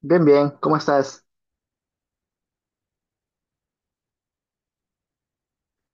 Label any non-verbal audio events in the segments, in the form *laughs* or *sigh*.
Bien, bien, ¿cómo estás?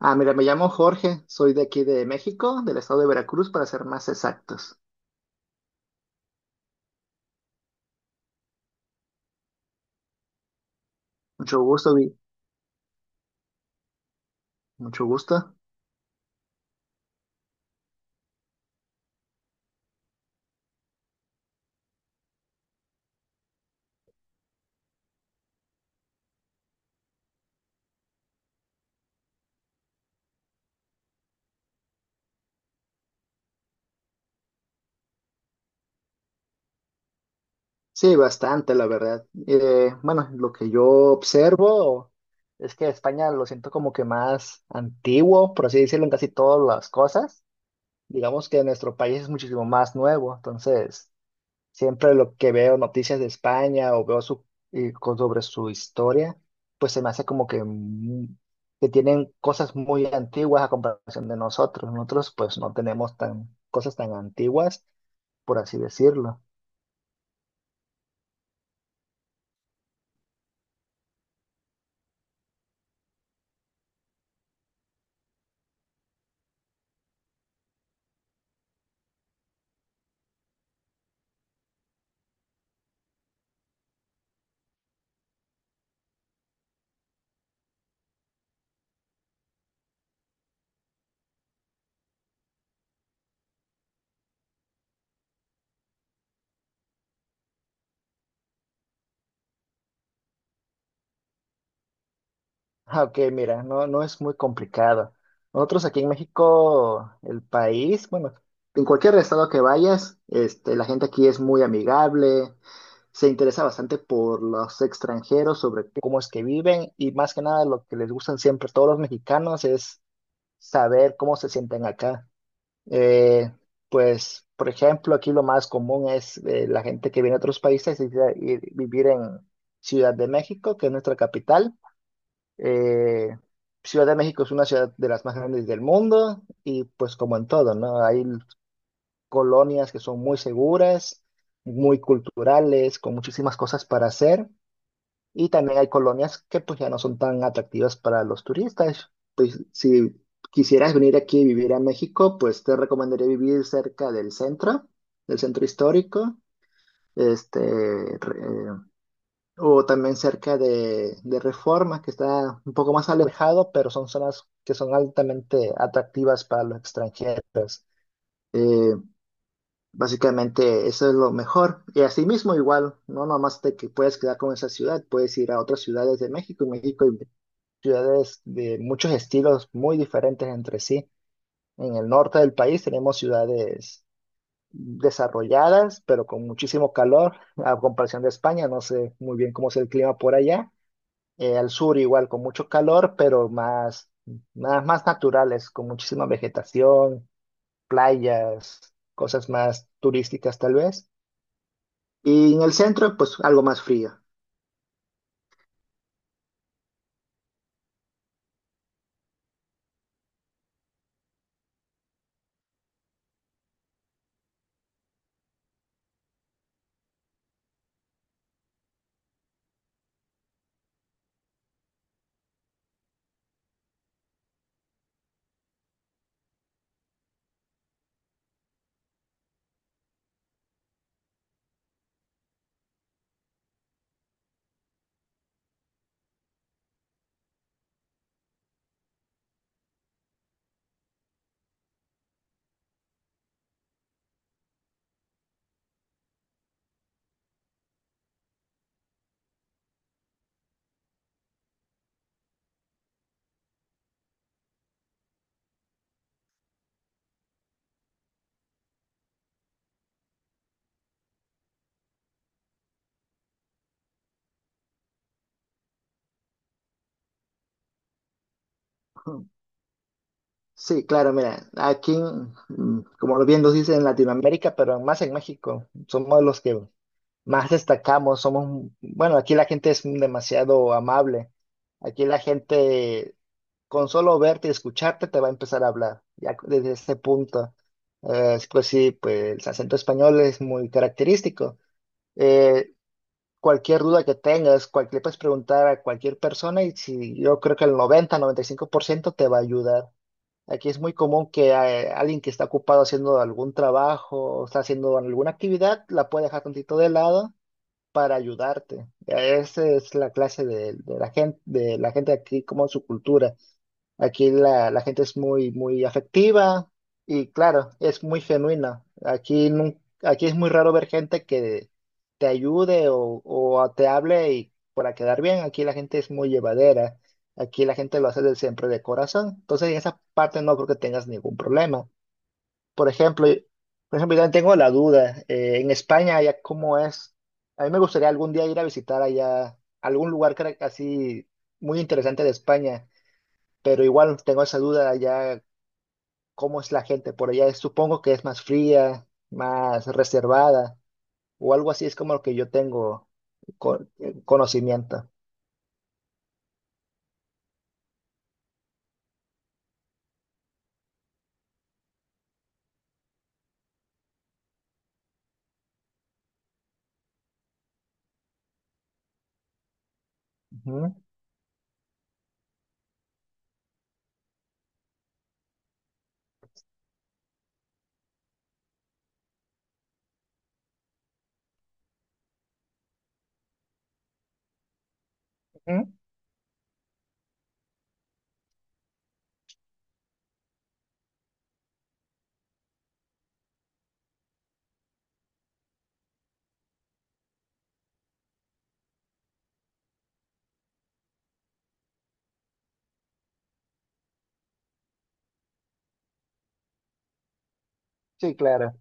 Ah, mira, me llamo Jorge, soy de aquí de México, del estado de Veracruz, para ser más exactos. Mucho gusto, Vi. Mucho gusto. Sí, bastante, la verdad. Bueno, lo que yo observo es que España lo siento como que más antiguo, por así decirlo, en casi todas las cosas. Digamos que nuestro país es muchísimo más nuevo, entonces siempre lo que veo noticias de España o veo su, sobre su historia, pues se me hace que tienen cosas muy antiguas a comparación de nosotros. Nosotros pues no tenemos tan, cosas tan antiguas, por así decirlo. Ah, ok, mira, no, no es muy complicado. Nosotros aquí en México, el país, bueno, en cualquier estado que vayas, este, la gente aquí es muy amigable, se interesa bastante por los extranjeros, sobre cómo es que viven, y más que nada lo que les gustan siempre todos los mexicanos es saber cómo se sienten acá. Eh, pues, por ejemplo, aquí lo más común es la gente que viene de otros países y vivir en Ciudad de México, que es nuestra capital. eh, Ciudad de México es una ciudad de las más grandes del mundo, y pues como en todo, ¿no? Hay colonias que son muy seguras, muy culturales, con muchísimas cosas para hacer, y también hay colonias que pues ya no son tan atractivas para los turistas. Pues si quisieras venir aquí y vivir a México, pues te recomendaría vivir cerca del centro histórico. Este, o también cerca de Reforma, que está un poco más alejado, pero son zonas que son altamente atractivas para los extranjeros. Eh, básicamente eso es lo mejor. Y asimismo igual, no nomás de que puedes quedar con esa ciudad, puedes ir a otras ciudades de México. En México hay ciudades de muchos estilos muy diferentes entre sí. En el norte del país tenemos ciudades desarrolladas, pero con muchísimo calor, a comparación de España. No sé muy bien cómo es el clima por allá. Al sur igual, con mucho calor, pero más, más, más naturales, con muchísima vegetación, playas, cosas más turísticas tal vez. Y en el centro, pues algo más frío. Ujú. Sí, claro, mira, aquí, como bien nos dicen en Latinoamérica, pero más en México, somos los que más destacamos, somos, bueno, aquí la gente es demasiado amable. Aquí la gente con solo verte y escucharte te va a empezar a hablar, ya desde ese punto. Pues sí, pues el acento español es muy característico. Eh, cualquier duda que tengas, cualquier, le puedes preguntar a cualquier persona y si, yo creo que el 90-95% te va a ayudar. Aquí es muy común que alguien que está ocupado haciendo algún trabajo o está haciendo alguna actividad la puede dejar tantito de lado para ayudarte. Esa es la clase de la gente aquí, como su cultura. Aquí la gente es muy, muy afectiva, y claro, es muy genuina. Aquí, aquí es muy raro ver gente que te ayude, o te hable y para quedar bien. Aquí la gente es muy llevadera. Aquí la gente lo hace de siempre de corazón. Entonces, en esa parte no creo que tengas ningún problema. Por ejemplo, yo también tengo la duda. En España, allá cómo es. A mí me gustaría algún día ir a visitar allá algún lugar que era así muy interesante de España, pero igual tengo esa duda allá, ¿cómo es la gente por allá? Supongo que es más fría, más reservada, o algo así es como lo que yo tengo conocimiento. Ujú, ujú. Sí, claro.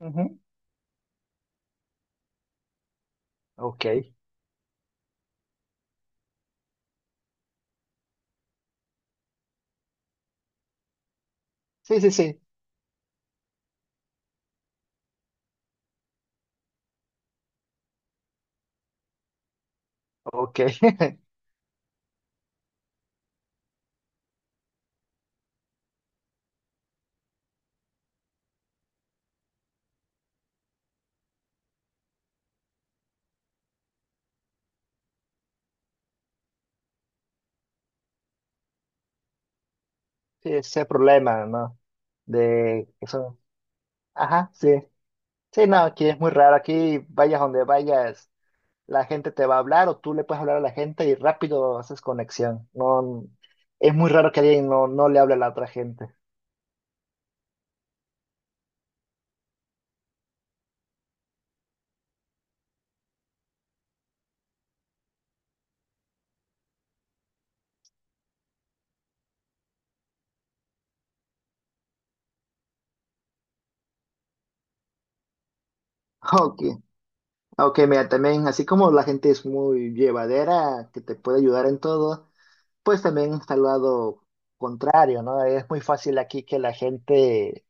Ujú. Ok. Sí, sí, sí. Ok. *laughs* Sí, ese problema, ¿no? De eso. Ajá, sí. Sí, no, aquí es muy raro. Aquí vayas donde vayas, la gente te va a hablar o tú le puedes hablar a la gente y rápido haces conexión. No, es muy raro que alguien no, no le hable a la otra gente. Ok, ok, mira, también así como la gente es muy llevadera, que te puede ayudar en todo, pues también está el lado contrario, ¿no? Es muy fácil aquí que la gente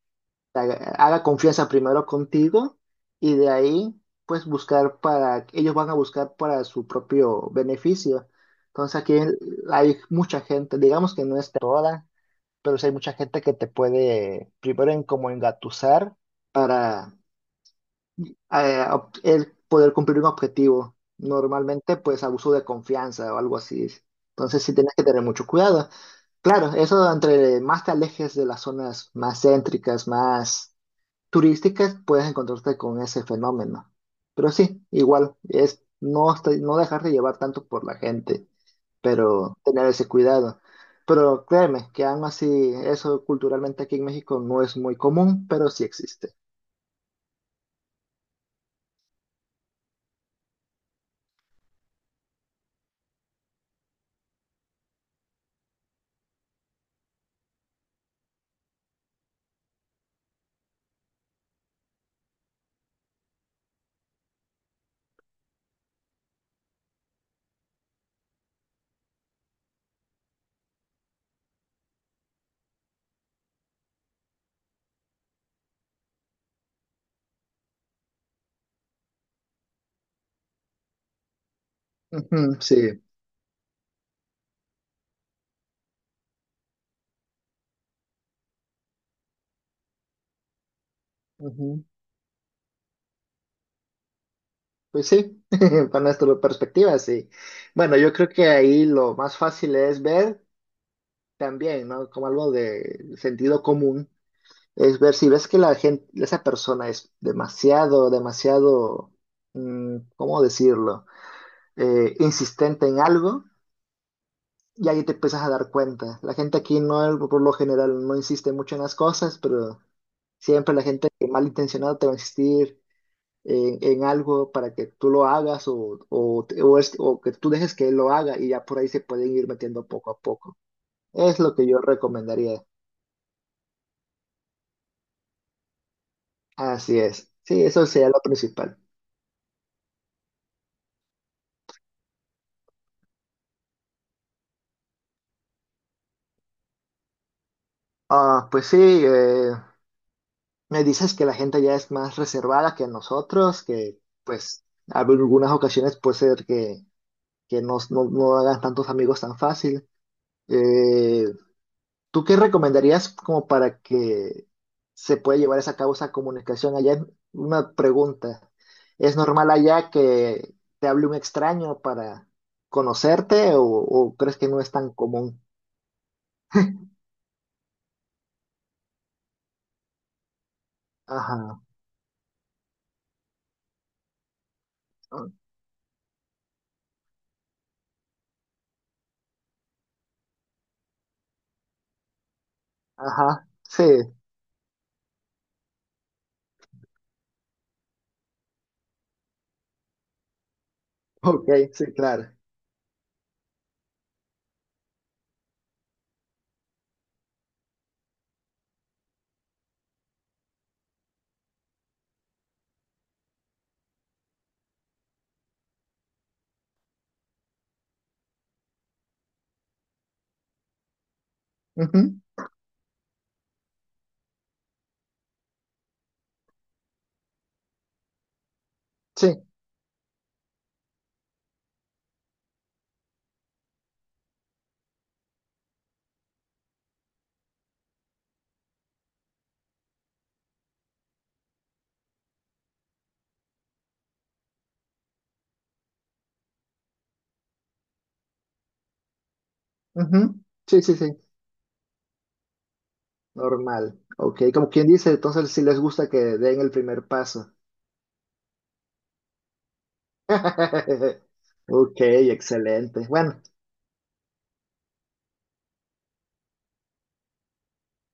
te haga confianza primero contigo y de ahí pues buscar para, ellos van a buscar para su propio beneficio. Entonces aquí hay mucha gente, digamos que no es toda, pero sí hay mucha gente que te puede primero en como engatusar para el poder cumplir un objetivo. Normalmente, pues abuso de confianza o algo así. Entonces sí tienes que tener mucho cuidado. Claro, eso entre más te alejes de las zonas más céntricas, más turísticas, puedes encontrarte con ese fenómeno. Pero sí, igual, es no, no dejarte llevar tanto por la gente, pero tener ese cuidado. Pero créeme que aún así eso culturalmente aquí en México no es muy común, pero sí existe. *laughs* Ujú, sí, ujú. Pues sí, *laughs* para nuestra perspectiva, sí. Bueno, yo creo que ahí lo más fácil es ver también, ¿no? Como algo de sentido común, es ver si ves que la gente, esa persona es demasiado, demasiado, ¿cómo decirlo? Insistente en algo. Y ahí te empiezas a dar cuenta. La gente aquí no, por lo general, no insiste mucho en las cosas, pero siempre la gente malintencionada te va a insistir en algo para que tú lo hagas o, te- o es- o que tú dejes que él lo haga y ya por ahí se pueden ir metiendo poco a poco. Es lo que yo recomendaría. Así es. Sí, eso sería lo principal. Ah, pues sí, eh, me dices que la gente ya es más reservada que nosotros, que pues en algunas ocasiones puede ser que no, no, no hagas tantos amigos tan fácil. Eh, ¿Tú qué recomendarías como para que se pueda llevar esa causa comunicación allá? Una pregunta. ¿Es normal allá que te hable un extraño para conocerte, o crees que no es tan común? Ajá, ajá, sí, ok, sí, claro. Ujú, sí, ujú, sí, sí, sí, normal. Ok, como quien dice, entonces sí les gusta que den el primer paso. *laughs* Ok, excelente. Bueno,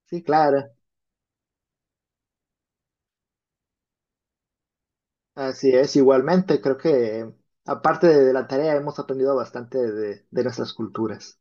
sí, claro, así es. Igualmente, creo que aparte de la tarea hemos aprendido bastante de nuestras culturas.